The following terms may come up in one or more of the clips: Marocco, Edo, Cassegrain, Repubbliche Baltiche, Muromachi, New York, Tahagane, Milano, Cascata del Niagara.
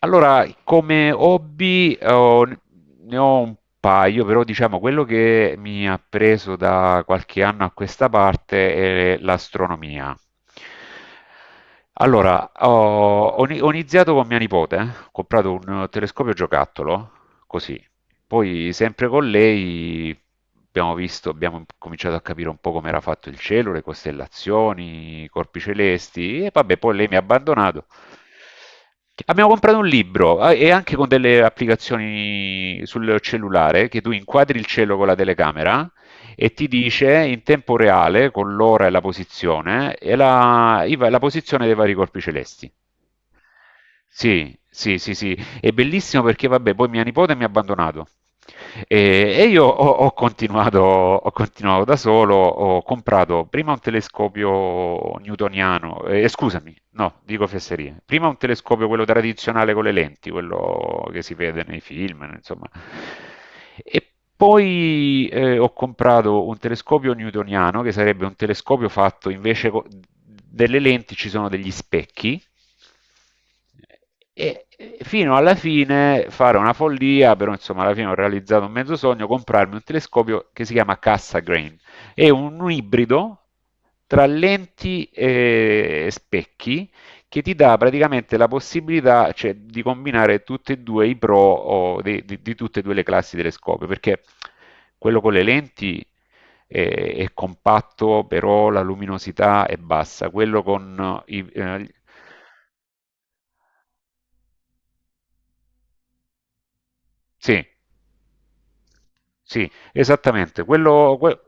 Allora, come hobby ne ho un paio, però diciamo quello che mi ha preso da qualche anno a questa parte è l'astronomia. Allora, ho iniziato con mia nipote, ho comprato un telescopio giocattolo, così, poi, sempre con lei, abbiamo cominciato a capire un po' come era fatto il cielo, le costellazioni, i corpi celesti, e vabbè, poi lei mi ha abbandonato. Abbiamo comprato un libro, e anche con delle applicazioni sul cellulare che tu inquadri il cielo con la telecamera e ti dice in tempo reale con l'ora e la posizione e la, i va- la posizione dei vari corpi celesti. Sì, sì, sì, sì, è bellissimo perché, vabbè, poi mia nipote mi ha abbandonato. E io ho continuato da solo, ho comprato prima un telescopio newtoniano, scusami, no, dico fesserie, prima un telescopio, quello tradizionale con le lenti, quello che si vede nei film, insomma, e poi ho comprato un telescopio newtoniano, che sarebbe un telescopio fatto invece delle lenti ci sono degli specchi e fino alla fine fare una follia, però insomma alla fine ho realizzato un mezzo sogno, comprarmi un telescopio che si chiama Cassa Grain. È un ibrido tra lenti e specchi che ti dà praticamente la possibilità, cioè, di combinare tutti e due i pro o di tutte e due le classi telescopio, perché quello con le lenti è, è compatto, però la luminosità è bassa, quello con i. Sì, sì, esattamente. Quello, que-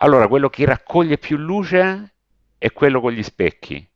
allora, quello che raccoglie più luce è quello con gli specchi.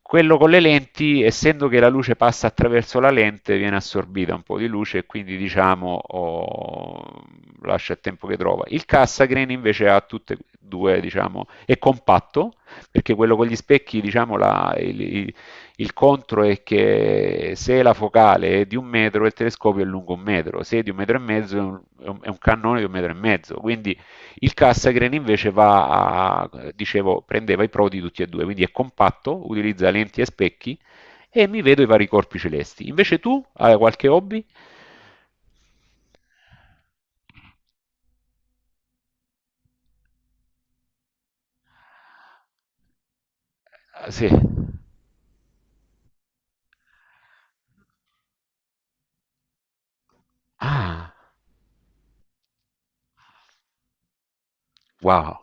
Quello con le lenti, essendo che la luce passa attraverso la lente, viene assorbita un po' di luce, e quindi diciamo lascia il tempo che trova. Il Cassagrain invece ha tutte e due, diciamo, è compatto, perché quello con gli specchi, diciamo, il contro è che se la focale è di un metro, il telescopio è lungo un metro, se è di un metro e mezzo, è un cannone di un metro e mezzo. Quindi il Cassagren invece va a, dicevo, prendeva i pro di tutti e due, quindi è compatto, utilizza lenti e specchi e mi vedo i vari corpi celesti. Invece tu hai qualche hobby? Ah, sì. Ah, wow.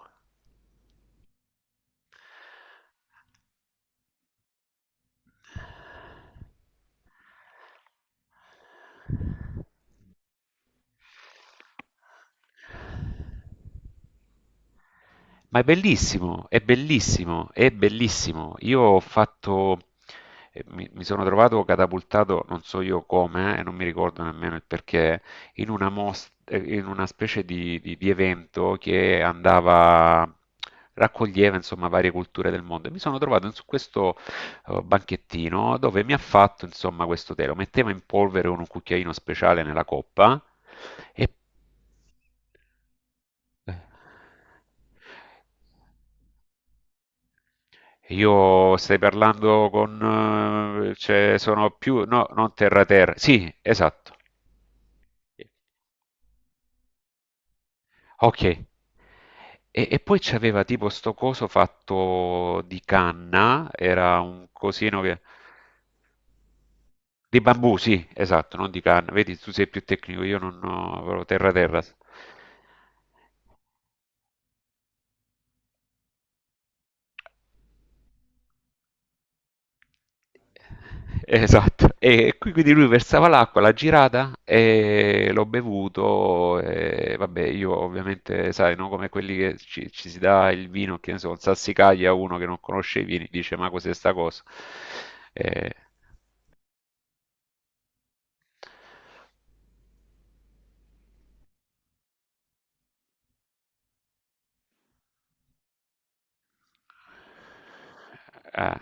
Ma è bellissimo, è bellissimo, è bellissimo. Io ho fatto, mi, mi sono trovato catapultato, non so io come, e non mi ricordo nemmeno il perché, in una specie di evento che andava, raccoglieva insomma varie culture del mondo. E mi sono trovato su questo banchettino dove mi ha fatto insomma questo tè, lo metteva in polvere con un cucchiaino speciale nella coppa e... Io stai parlando con... cioè, sono più... No, non terra terra. Sì, esatto. Ok. E poi c'aveva tipo sto coso fatto di canna, era un cosino che... Di bambù, sì, esatto, non di canna. Vedi, tu sei più tecnico, io non ho proprio terra terra. Esatto. E qui quindi lui versava l'acqua, l'ha girata e l'ho bevuto. E vabbè, io ovviamente, sai, no, come quelli che ci si dà il vino, che ne so, il sassicaglia a uno che non conosce i vini, dice ma cos'è sta cosa? Eh, ah,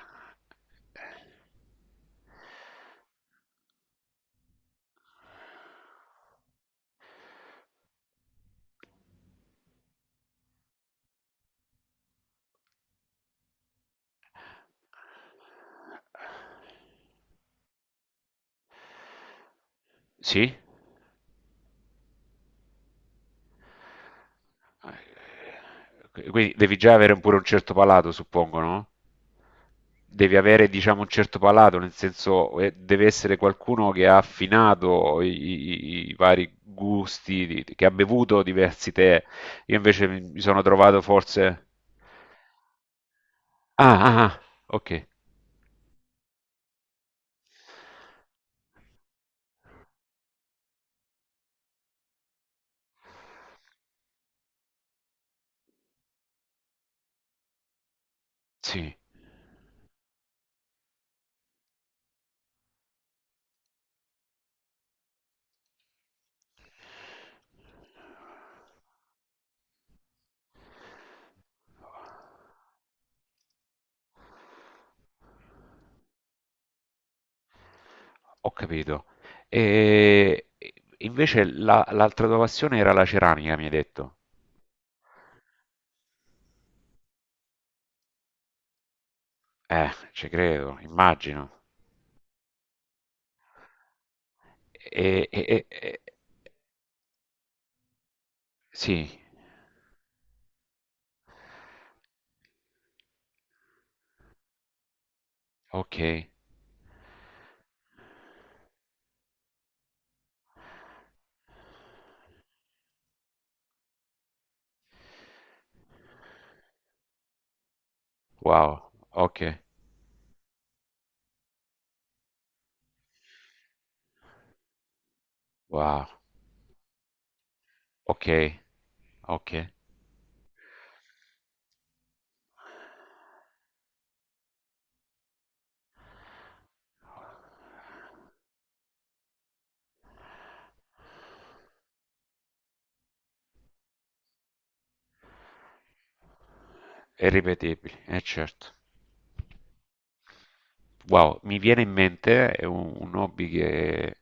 sì? Eh, Quindi devi già avere pure un certo palato, suppongo, no? Devi avere, diciamo, un certo palato, nel senso, deve essere qualcuno che ha affinato i vari gusti, che ha bevuto diversi tè. Io invece mi sono trovato forse... Ah, ah, ah, ok, sì, ho capito. E invece l'altra tua passione era la ceramica, mi hai detto. Ci credo, immagino. E, e- e- e- Sì. Okay. Wow. Okay. Wow. Okay, okay. È irripetibile, eh certo. Wow, mi viene in mente, è un hobby che,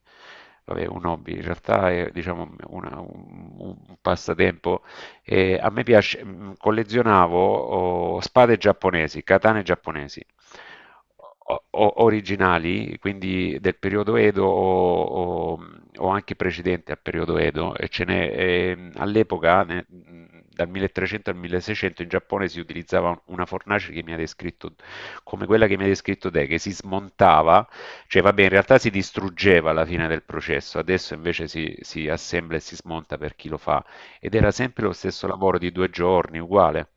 vabbè, un hobby, in realtà è, diciamo, un passatempo. A me piace, collezionavo spade giapponesi, katane giapponesi, originali, quindi del periodo Edo o- o anche precedente al periodo Edo, e ce n'è, all'epoca, dal 1300 al 1600 in Giappone si utilizzava una fornace che mi ha descritto come quella che mi hai descritto te, che si smontava, cioè vabbè, in realtà si distruggeva alla fine del processo, adesso invece si assembla e si smonta per chi lo fa, ed era sempre lo stesso lavoro di 2 giorni, uguale.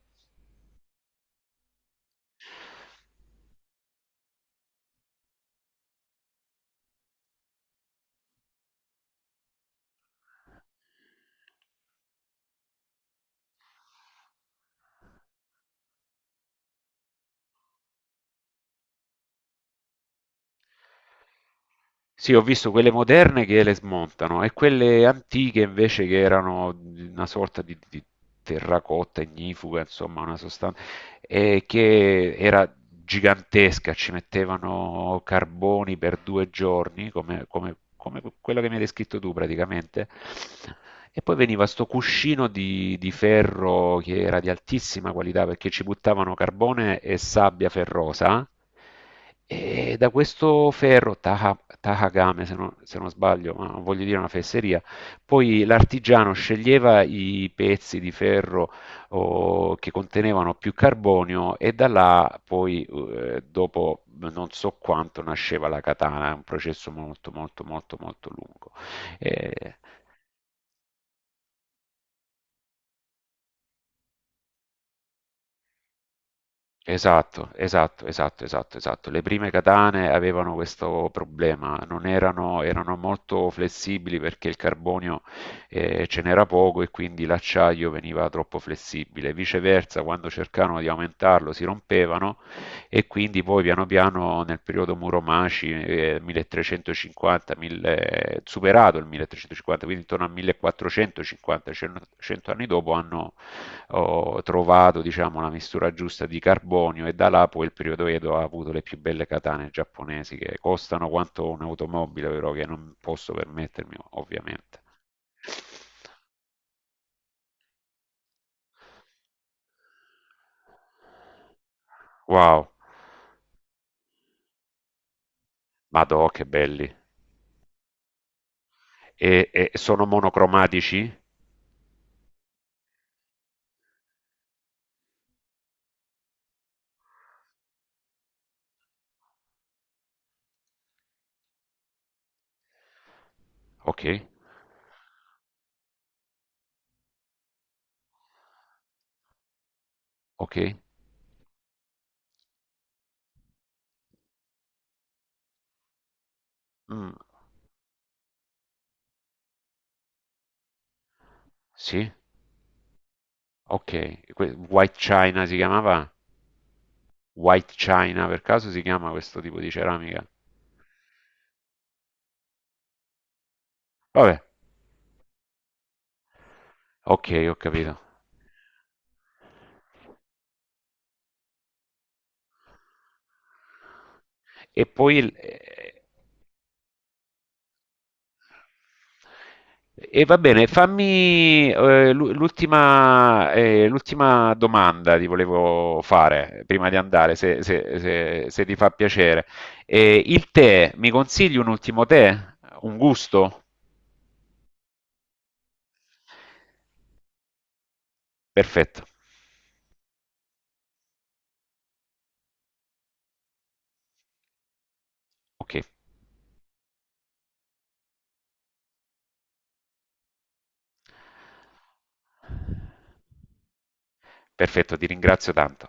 Sì, ho visto quelle moderne che le smontano e quelle antiche invece che erano una sorta di terracotta ignifuga, insomma, una sostanza. E che era gigantesca, ci mettevano carboni per 2 giorni, come, come quello che mi hai descritto tu praticamente. E poi veniva sto cuscino di ferro che era di altissima qualità perché ci buttavano carbone e sabbia ferrosa. E da questo ferro, Tahagame, se non sbaglio, ma non voglio dire una fesseria, poi l'artigiano sceglieva i pezzi di ferro o che contenevano più carbonio e da là poi dopo non so quanto nasceva la katana, è un processo molto molto molto molto lungo. Eh, Esatto, esatto, esatto, esatto, esatto. Le prime katane avevano questo problema, non erano, erano molto flessibili perché il carbonio ce n'era poco e quindi l'acciaio veniva troppo flessibile. Viceversa, quando cercavano di aumentarlo si rompevano, e quindi poi piano piano nel periodo Muromaci 1350, 1000, superato il 1350, quindi intorno al 1450, 100 anni dopo hanno ho trovato, diciamo, la mistura giusta di carbonio, e da là poi il periodo Edo ha avuto le più belle katane giapponesi, che costano quanto un'automobile, però che non posso permettermi, ovviamente. Wow, madò, che belli. E sono monocromatici? Ok, ok. Mm, sì, ok. White China si chiamava? White China per caso si chiama questo tipo di ceramica? Vabbè, ok, ho capito. E poi. E va bene, fammi l'ultima domanda ti volevo fare prima di andare, se ti fa piacere. Il tè, mi consigli un ultimo tè? Un gusto? Perfetto, ok, perfetto, ti ringrazio tanto.